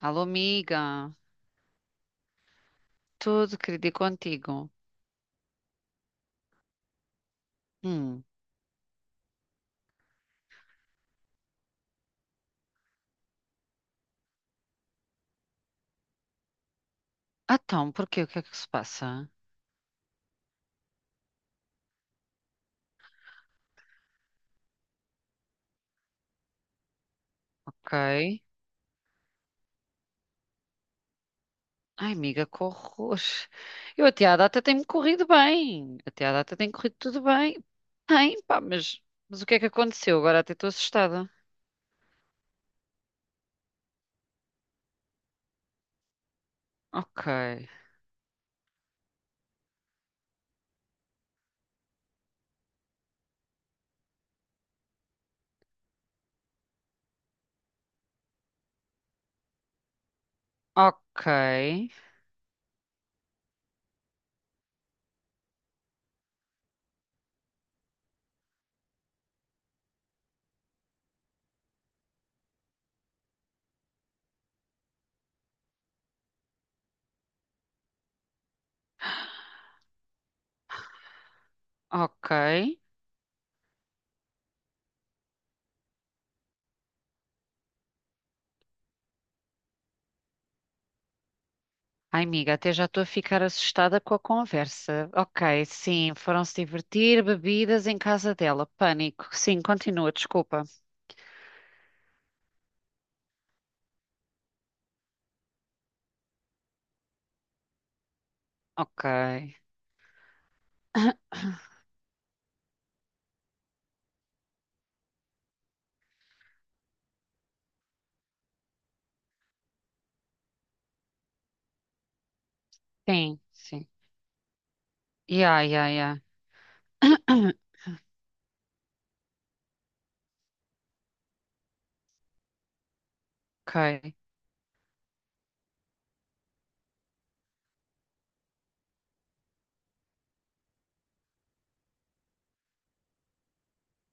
Alô, amiga, tudo querido e contigo? Hum, então, porquê? O que é que se passa? Ok. Ai, amiga, que horror. Eu até à data tem-me corrido bem. Até à data tem corrido tudo bem. Bem, pá, mas o que é que aconteceu? Agora até estou assustada. Ok, ok, ok. Ai, amiga, até já estou a ficar assustada com a conversa. Ok, sim, foram-se divertir, bebidas em casa dela. Pânico. Sim, continua, desculpa. Ok. Sim, sim. Ya, ya, ya. Ok.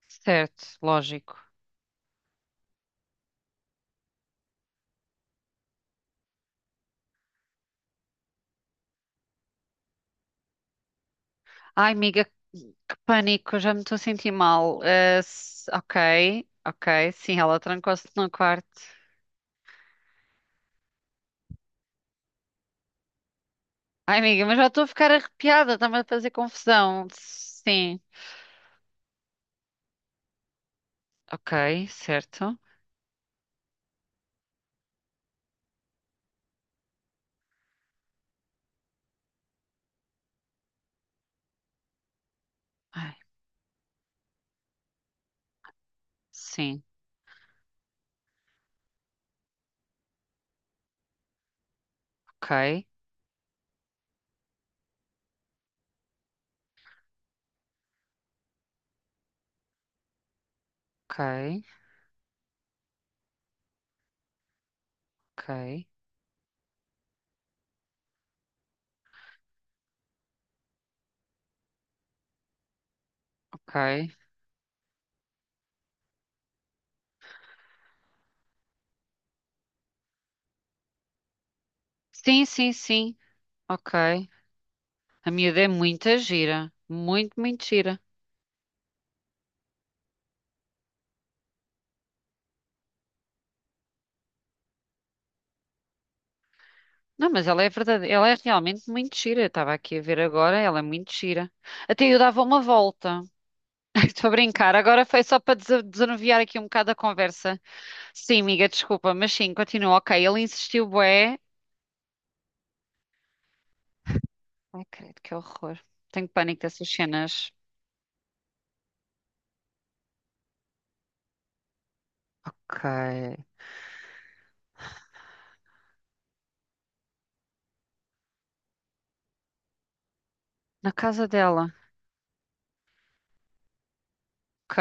Certo, lógico. Ai, amiga, que pânico, já me estou a sentir mal. Ok, ok. Sim, ela trancou-se no quarto. Ai, amiga, mas já estou a ficar arrepiada, está-me a fazer confusão. Sim. Ok, certo. Ai, sim. Ok, ok, ok, ok. Sim, sim, sim. Ok. A miúda é muita gira. Muito, muito gira. Não, mas ela é verdade, ela é realmente muito gira. Eu estava aqui a ver agora, ela é muito gira. Até eu dava uma volta. Estou a brincar, agora foi só para desanuviar aqui um bocado a conversa. Sim, amiga, desculpa, mas sim, continua. Ok, ele insistiu, bué. Ai, credo, que horror. Tenho pânico dessas cenas. Ok. Na casa dela. Ok,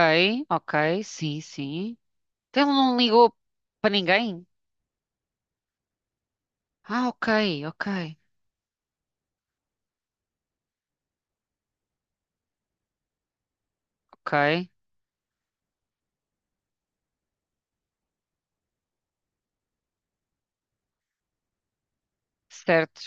ok, sim, sim. Então ele não ligou para ninguém? Ah, ok, ok, ok. Certo.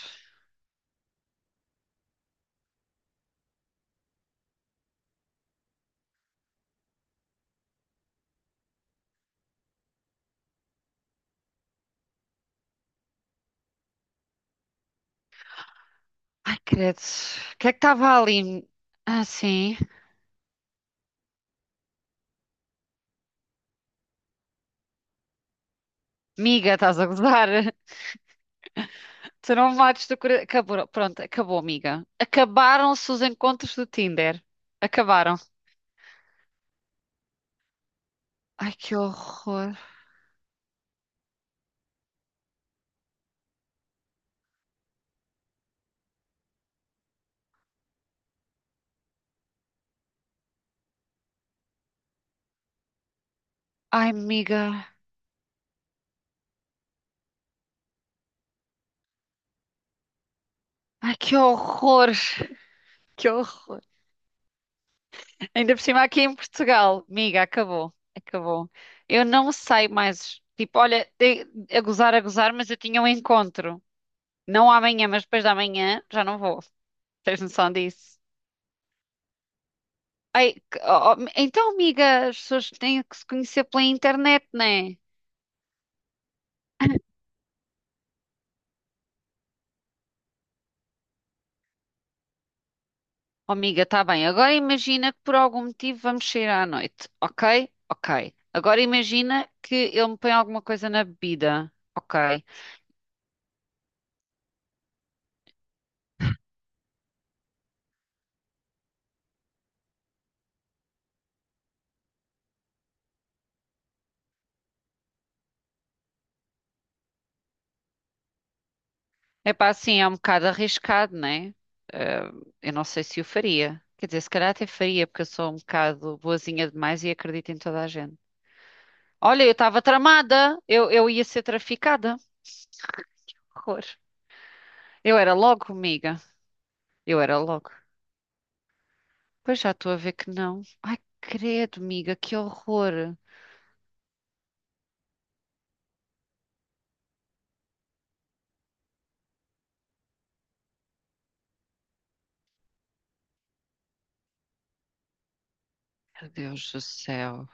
Ai, credo. O que é que estava ali? Ah, sim. Miga, estás a gozar? Tu não me mates do coração. Acabou. Pronto, acabou, miga. Acabaram-se os encontros do Tinder. Acabaram. Ai, que horror. Ai, miga. Ai, que horror. Que horror. Ainda por cima aqui em Portugal. Miga, acabou. Acabou. Eu não saio mais. Tipo, olha, de- a gozar, mas eu tinha um encontro. Não amanhã, mas depois da manhã já não vou. Tens noção disso? Ai, que- oh, oh, então, amiga, as pessoas têm que se conhecer pela internet, não é? Oh, amiga, está bem. Agora imagina que por algum motivo vamos sair à noite, ok? Ok. Agora imagina que ele me põe alguma coisa na bebida, ok? É pá, assim, é um bocado arriscado, não é? Ah, eu não sei se o faria. Quer dizer, se calhar até faria, porque eu sou um bocado boazinha demais e acredito em toda a gente. Olha, eu estava tramada, eu ia ser traficada. Horror. Eu era logo, amiga. Eu era logo. Pois já estou a ver que não. Ai, credo, amiga, que horror. Meu Deus do céu.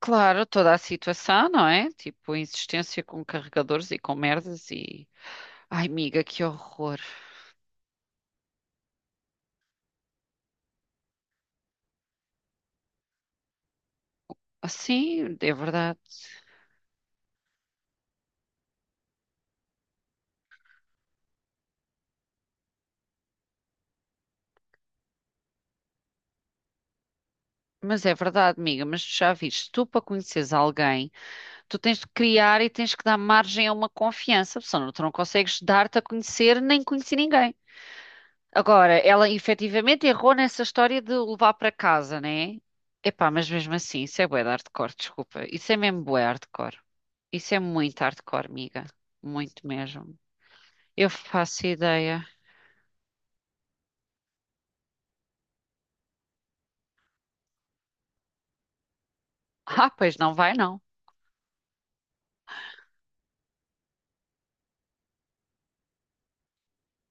Claro, toda a situação, não é? Tipo, insistência com carregadores e com merdas e. Ai, amiga, que horror. Assim, é verdade. Mas é verdade, amiga, mas tu já viste, tu para conheceres alguém, tu tens de criar e tens que dar margem a uma confiança, senão tu não consegues dar-te a conhecer nem conhecer ninguém. Agora, ela efetivamente errou nessa história de o levar para casa, né? Epá, mas mesmo assim, isso é bué de hardcore, desculpa. Isso é mesmo bué hardcore. Isso é muito hardcore, amiga. Muito mesmo. Eu faço ideia. Ah, pois não vai não.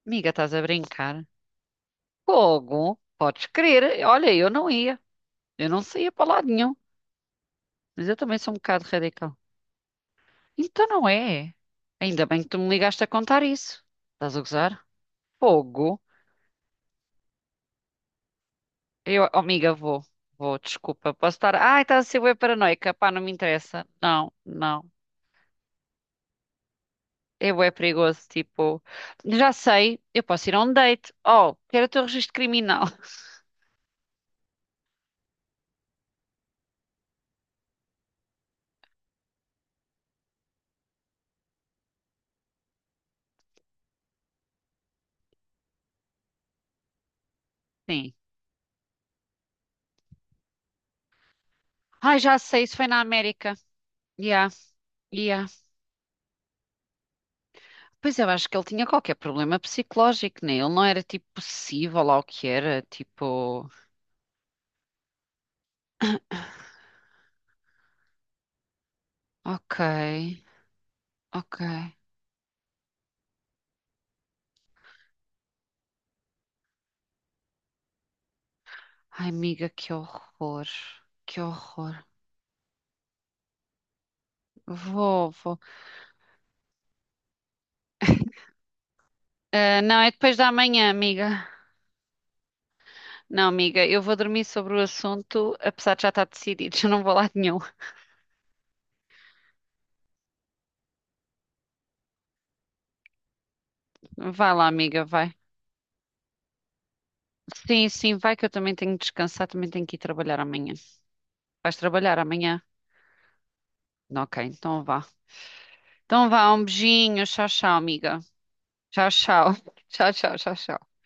Amiga, estás a brincar? Fogo, podes crer. Olha, eu não ia. Eu não saía para lado nenhum. Mas eu também sou um bocado radical. Então não é. Ainda bem que tu me ligaste a contar isso. Estás a gozar? Fogo. Eu, oh, amiga, vou. Vou, desculpa. Posso estar. Ai, estás a ser bué paranoica. Pá, não me interessa. Não, não. É bué perigoso. Tipo, já sei, eu posso ir a um date. Oh, quero o teu registro criminal. Sim. Ai, já sei, isso foi na América. Yeah, yeah. Pois eu acho que ele tinha qualquer problema psicológico, né? Ele não era tipo possível lá o que era. Tipo, ok, ok. Ai, amiga, que horror. Que horror. Vou, vou. Ah, não, é depois da manhã, amiga. Não, amiga, eu vou dormir sobre o assunto, apesar de já estar decidido, eu não vou lá nenhum. Vai lá, amiga, vai. Sim, sim, vai que eu também tenho de descansar, também tenho que ir trabalhar amanhã. Vais trabalhar amanhã? Ok, então vá. Então vá, um beijinho, tchau, tchau, amiga. Tchau, tchau. Tchau, tchau, tchau, tchau.